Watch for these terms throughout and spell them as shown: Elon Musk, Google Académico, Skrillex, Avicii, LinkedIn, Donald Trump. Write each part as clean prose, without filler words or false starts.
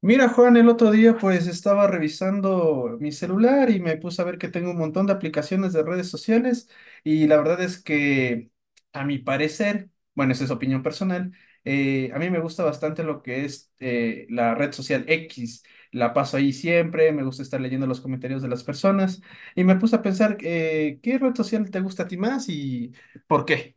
Mira, Juan, el otro día pues estaba revisando mi celular y me puse a ver que tengo un montón de aplicaciones de redes sociales y la verdad es que a mi parecer, bueno, esa es opinión personal, a mí me gusta bastante lo que es la red social X. La paso ahí siempre, me gusta estar leyendo los comentarios de las personas y me puse a pensar ¿qué red social te gusta a ti más y por qué?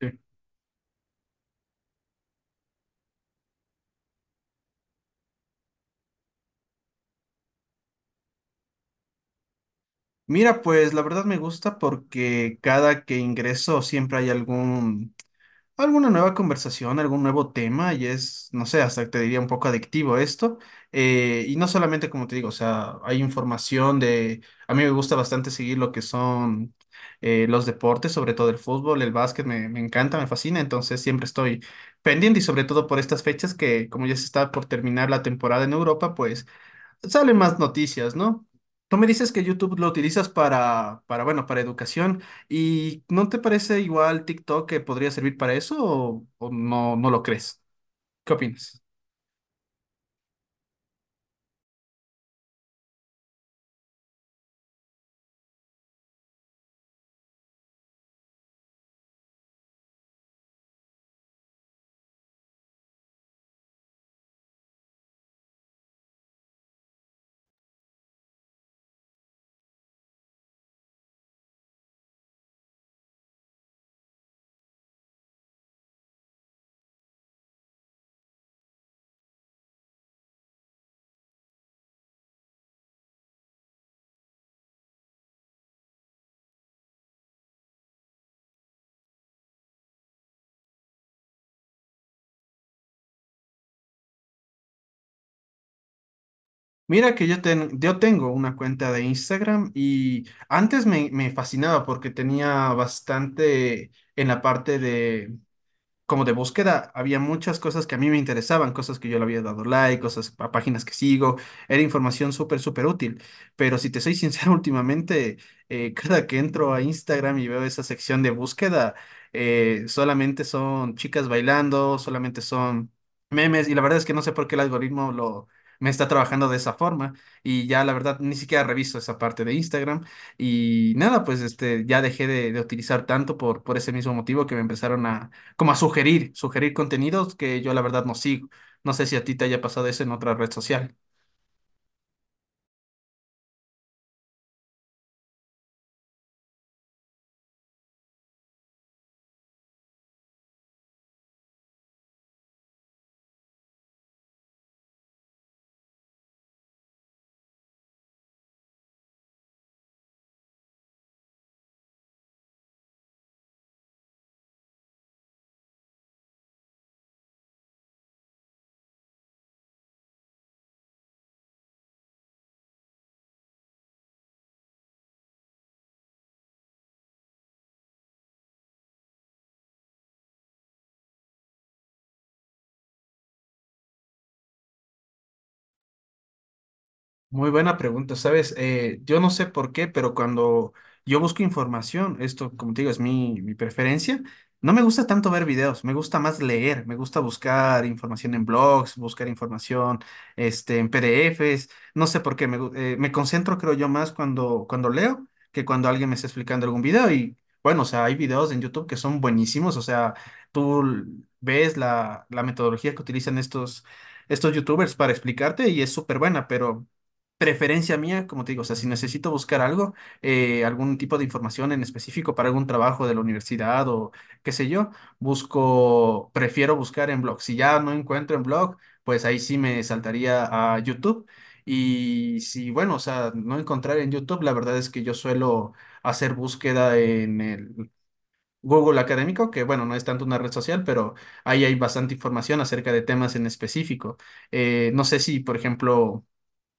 Sí. Mira, pues la verdad me gusta porque cada que ingreso siempre hay algún alguna nueva conversación, algún nuevo tema y es, no sé, hasta te diría un poco adictivo esto. Y no solamente, como te digo, o sea, hay información de, a mí me gusta bastante seguir lo que son los deportes, sobre todo el fútbol, el básquet, me encanta, me fascina, entonces siempre estoy pendiente y sobre todo por estas fechas que como ya se está por terminar la temporada en Europa, pues salen más noticias, ¿no? Tú me dices que YouTube lo utilizas para, bueno, para educación. ¿Y no te parece igual TikTok que podría servir para eso o no, no lo crees? ¿Qué opinas? Mira que yo tengo una cuenta de Instagram y antes me fascinaba porque tenía bastante en la parte de como de búsqueda, había muchas cosas que a mí me interesaban, cosas que yo le había dado like, cosas a páginas que sigo, era información súper, súper útil. Pero si te soy sincero, últimamente, cada que entro a Instagram y veo esa sección de búsqueda, solamente son chicas bailando, solamente son memes, y la verdad es que no sé por qué el algoritmo me está trabajando de esa forma y ya la verdad ni siquiera reviso esa parte de Instagram y nada, pues este ya dejé de utilizar tanto por ese mismo motivo que me empezaron como a sugerir contenidos que yo la verdad no sigo. No sé si a ti te haya pasado eso en otra red social. Muy buena pregunta, ¿sabes? Yo no sé por qué, pero cuando yo busco información, esto, como te digo, es mi preferencia, no me gusta tanto ver videos, me gusta más leer, me gusta buscar información en blogs, buscar información, este, en PDFs, no sé por qué, me concentro, creo yo, más cuando leo que cuando alguien me está explicando algún video y, bueno, o sea, hay videos en YouTube que son buenísimos, o sea, tú ves la metodología que utilizan estos YouTubers para explicarte y es súper buena, pero preferencia mía, como te digo, o sea, si necesito buscar algo, algún tipo de información en específico para algún trabajo de la universidad o qué sé yo, prefiero buscar en blog. Si ya no encuentro en blog, pues ahí sí me saltaría a YouTube. Y si, bueno, o sea, no encontrar en YouTube, la verdad es que yo suelo hacer búsqueda en el Google Académico, que bueno, no es tanto una red social, pero ahí hay bastante información acerca de temas en específico. No sé si, por ejemplo,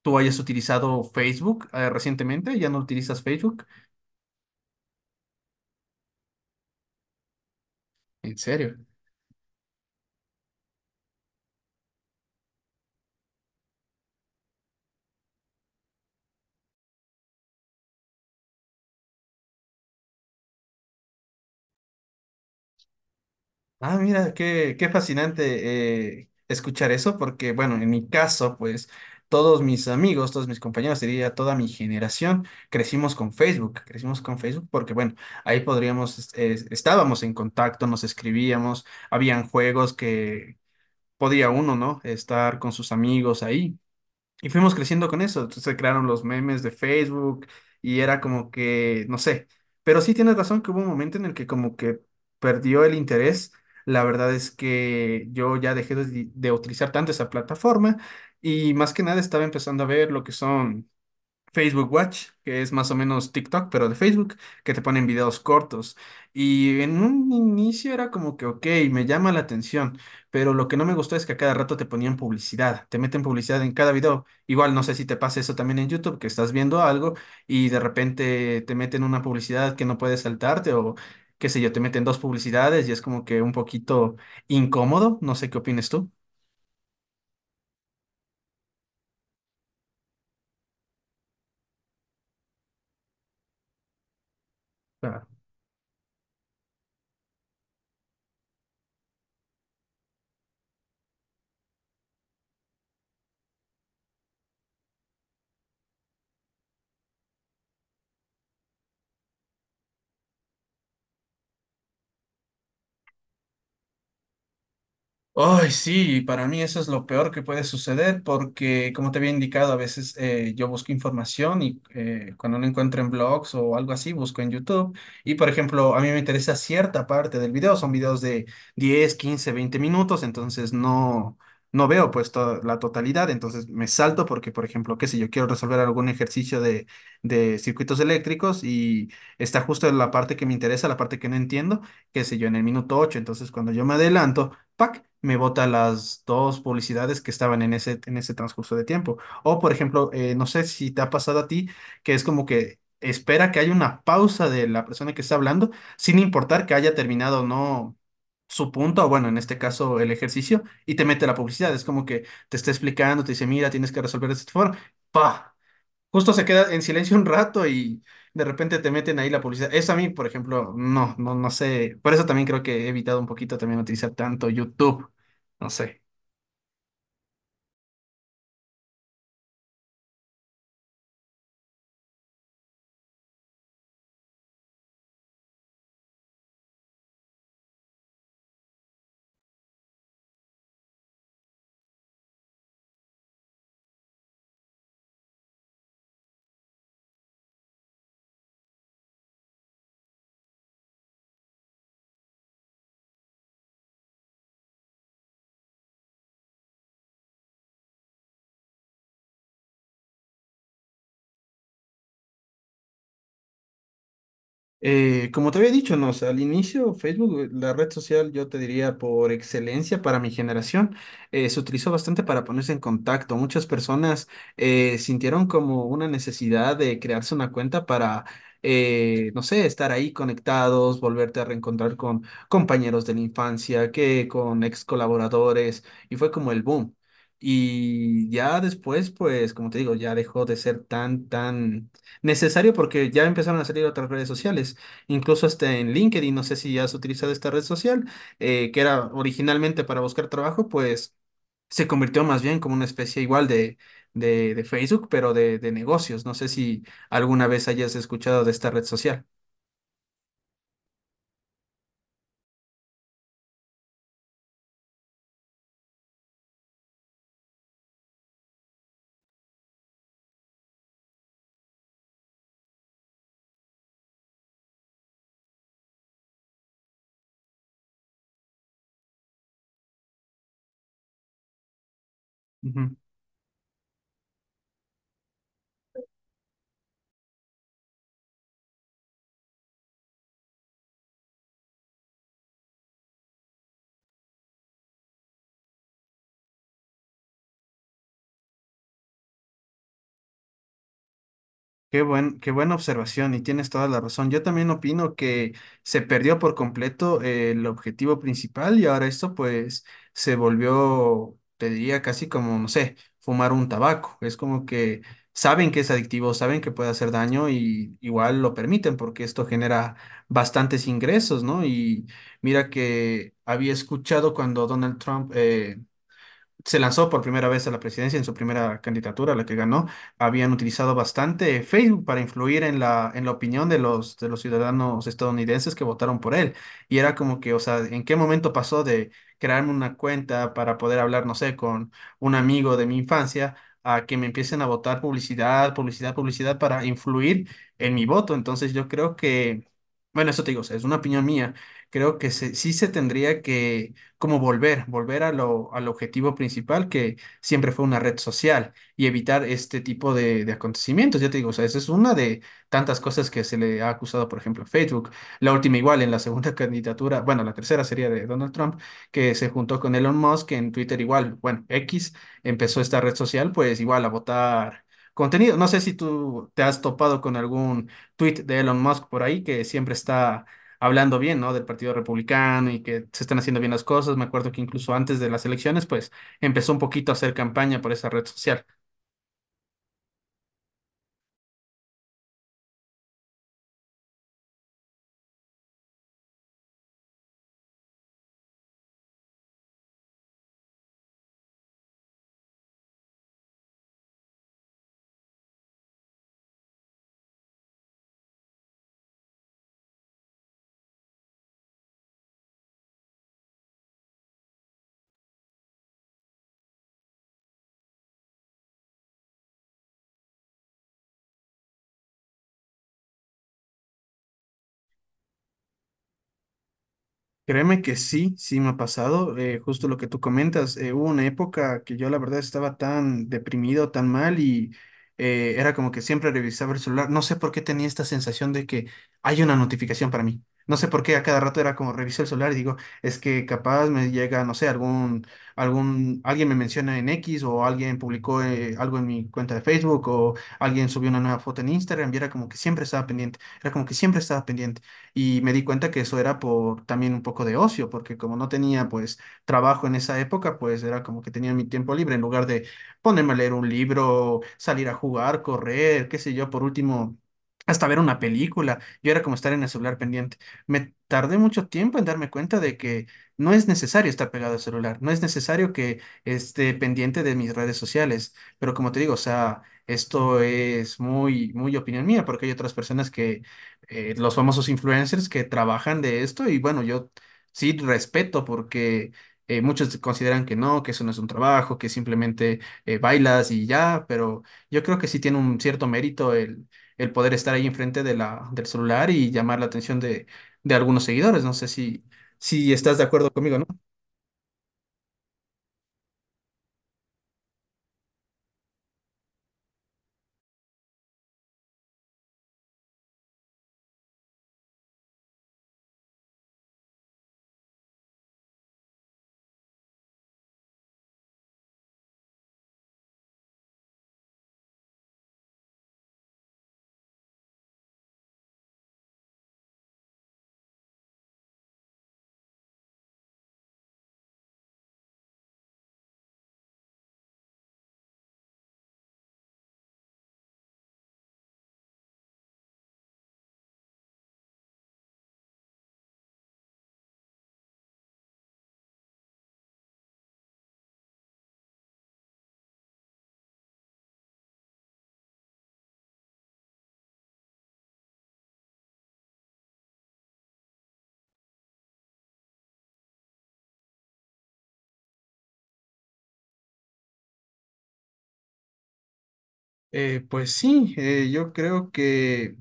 tú hayas utilizado Facebook recientemente, ya no utilizas Facebook. ¿En serio? Ah, mira, qué fascinante escuchar eso, porque bueno, en mi caso, pues todos mis amigos, todos mis compañeros, diría toda mi generación, crecimos con Facebook porque bueno, ahí podríamos, estábamos en contacto, nos escribíamos, habían juegos que podía uno, ¿no? Estar con sus amigos ahí. Y fuimos creciendo con eso. Entonces, se crearon los memes de Facebook y era como que, no sé. Pero sí tienes razón que hubo un momento en el que como que perdió el interés. La verdad es que yo ya dejé de utilizar tanto esa plataforma y más que nada estaba empezando a ver lo que son Facebook Watch, que es más o menos TikTok, pero de Facebook, que te ponen videos cortos. Y en un inicio era como que, ok, me llama la atención, pero lo que no me gustó es que a cada rato te ponían publicidad, te meten publicidad en cada video. Igual no sé si te pasa eso también en YouTube, que estás viendo algo y de repente te meten una publicidad que no puedes saltarte o qué sé yo, te meten dos publicidades y es como que un poquito incómodo. No sé qué opinas tú. Ay, sí, para mí eso es lo peor que puede suceder porque, como te había indicado, a veces yo busco información y cuando no encuentro en blogs o algo así, busco en YouTube. Y, por ejemplo, a mí me interesa cierta parte del video, son videos de 10 15 20 minutos, entonces no, no veo pues toda la totalidad, entonces me salto porque, por ejemplo, qué sé, yo quiero resolver algún ejercicio de circuitos eléctricos y está justo en la parte que me interesa, la parte que no entiendo, qué sé yo, en el minuto 8 entonces cuando yo me adelanto ¡pac! Me bota las dos publicidades que estaban en ese transcurso de tiempo. O, por ejemplo, no sé si te ha pasado a ti, que es como que espera que haya una pausa de la persona que está hablando, sin importar que haya terminado o no su punto, o bueno, en este caso el ejercicio, y te mete la publicidad. Es como que te está explicando, te dice, mira, tienes que resolver de esta forma. ¡Pah! Justo se queda en silencio un rato y de repente te meten ahí la publicidad. Eso a mí, por ejemplo, no, no, no sé. Por eso también creo que he evitado un poquito también utilizar tanto YouTube. No sé. Como te había dicho, no, o sea, al inicio Facebook, la red social, yo te diría por excelencia para mi generación, se utilizó bastante para ponerse en contacto. Muchas personas sintieron como una necesidad de crearse una cuenta para, no sé, estar ahí conectados, volverte a reencontrar con compañeros de la infancia, que con ex colaboradores, y fue como el boom. Y ya después, pues, como te digo, ya dejó de ser tan, tan necesario porque ya empezaron a salir otras redes sociales, incluso hasta en LinkedIn, no sé si has utilizado esta red social, que era originalmente para buscar trabajo, pues se convirtió más bien como una especie igual de Facebook, pero de negocios. No sé si alguna vez hayas escuchado de esta red social. Qué buena observación y tienes toda la razón. Yo también opino que se perdió por completo el objetivo principal y ahora esto pues se volvió, te diría casi como, no sé, fumar un tabaco. Es como que saben que es adictivo, saben que puede hacer daño y igual lo permiten porque esto genera bastantes ingresos, ¿no? Y mira que había escuchado cuando Donald Trump se lanzó por primera vez a la presidencia en su primera candidatura, la que ganó, habían utilizado bastante Facebook para influir en la opinión de los ciudadanos estadounidenses que votaron por él. Y era como que, o sea, ¿en qué momento pasó de crearme una cuenta para poder hablar, no sé, con un amigo de mi infancia? A que me empiecen a votar publicidad, publicidad, publicidad para influir en mi voto. Entonces yo creo que, bueno, eso te digo, o sea, es una opinión mía. Creo que sí se tendría que como volver al objetivo principal que siempre fue una red social y evitar este tipo de acontecimientos. Ya te digo, o sea, esa es una de tantas cosas que se le ha acusado, por ejemplo, a Facebook. La última igual, en la segunda candidatura, bueno, la tercera sería de Donald Trump, que se juntó con Elon Musk en Twitter igual, bueno, X empezó esta red social, pues igual a votar contenido. No sé si tú te has topado con algún tweet de Elon Musk por ahí que siempre está hablando bien, ¿no? Del Partido Republicano y que se están haciendo bien las cosas. Me acuerdo que incluso antes de las elecciones, pues empezó un poquito a hacer campaña por esa red social. Créeme que sí, sí me ha pasado, justo lo que tú comentas, hubo una época que yo la verdad estaba tan deprimido, tan mal y era como que siempre revisaba el celular, no sé por qué tenía esta sensación de que hay una notificación para mí, no sé por qué a cada rato era como reviso el celular y digo, es que capaz me llega, no sé, alguien me menciona en X o alguien publicó algo en mi cuenta de Facebook o alguien subió una nueva foto en Instagram y era como que siempre estaba pendiente, era como que siempre estaba pendiente y me di cuenta que eso era por también un poco de ocio, porque como no tenía pues trabajo en esa época, pues era como que tenía mi tiempo libre en lugar de ponerme a leer un libro, salir a jugar, correr, qué sé yo, por último, hasta ver una película. Yo era como estar en el celular pendiente. Me tardé mucho tiempo en darme cuenta de que no es necesario estar pegado al celular, no es necesario que esté pendiente de mis redes sociales, pero como te digo, o sea. Esto es muy, muy opinión mía, porque hay otras personas que los famosos influencers que trabajan de esto y bueno, yo sí respeto porque muchos consideran que no, que eso no es un trabajo, que simplemente bailas y ya, pero yo creo que sí tiene un cierto mérito el poder estar ahí enfrente del celular y llamar la atención de algunos seguidores. No sé si estás de acuerdo conmigo, ¿no? Pues sí, yo creo que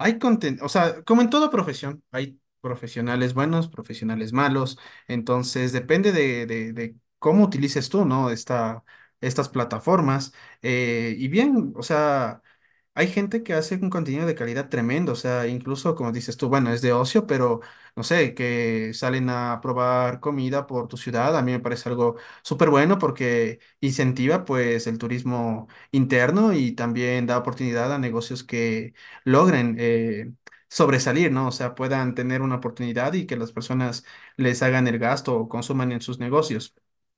hay contenido, o sea, como en toda profesión, hay profesionales buenos, profesionales malos, entonces depende de cómo utilices tú, ¿no? Estas plataformas. Y bien, o sea, hay gente que hace un contenido de calidad tremendo, o sea, incluso como dices tú, bueno, es de ocio, pero no sé, que salen a probar comida por tu ciudad, a mí me parece algo súper bueno porque incentiva pues el turismo interno y también da oportunidad a negocios que logren sobresalir, ¿no? O sea, puedan tener una oportunidad y que las personas les hagan el gasto o consuman en sus negocios.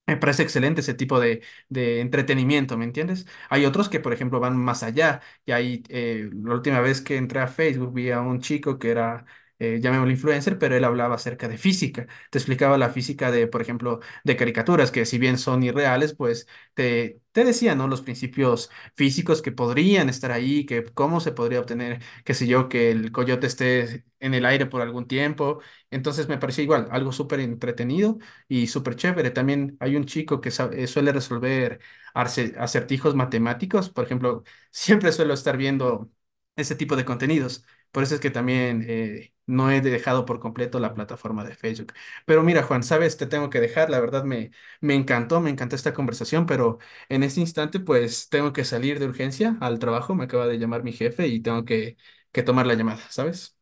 Me parece excelente ese tipo de entretenimiento, ¿me entiendes? Hay otros que, por ejemplo, van más allá. Y ahí, la última vez que entré a Facebook, vi a un chico que era, llamémoslo influencer, pero él hablaba acerca de física. Te explicaba la física de, por ejemplo, de caricaturas, que si bien son irreales, pues te decía, ¿no? Los principios físicos que podrían estar ahí, que cómo se podría obtener, qué sé yo, que el coyote esté en el aire por algún tiempo. Entonces me pareció igual, algo súper entretenido y súper chévere. También hay un chico que suele resolver acertijos matemáticos. Por ejemplo, siempre suelo estar viendo ese tipo de contenidos. Por eso es que también no he dejado por completo la plataforma de Facebook. Pero mira, Juan, sabes, te tengo que dejar. La verdad me encantó, me encantó esta conversación, pero en este instante, pues tengo que salir de urgencia al trabajo, me acaba de llamar mi jefe y tengo que tomar la llamada, ¿sabes?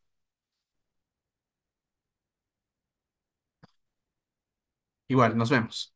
Igual, nos vemos.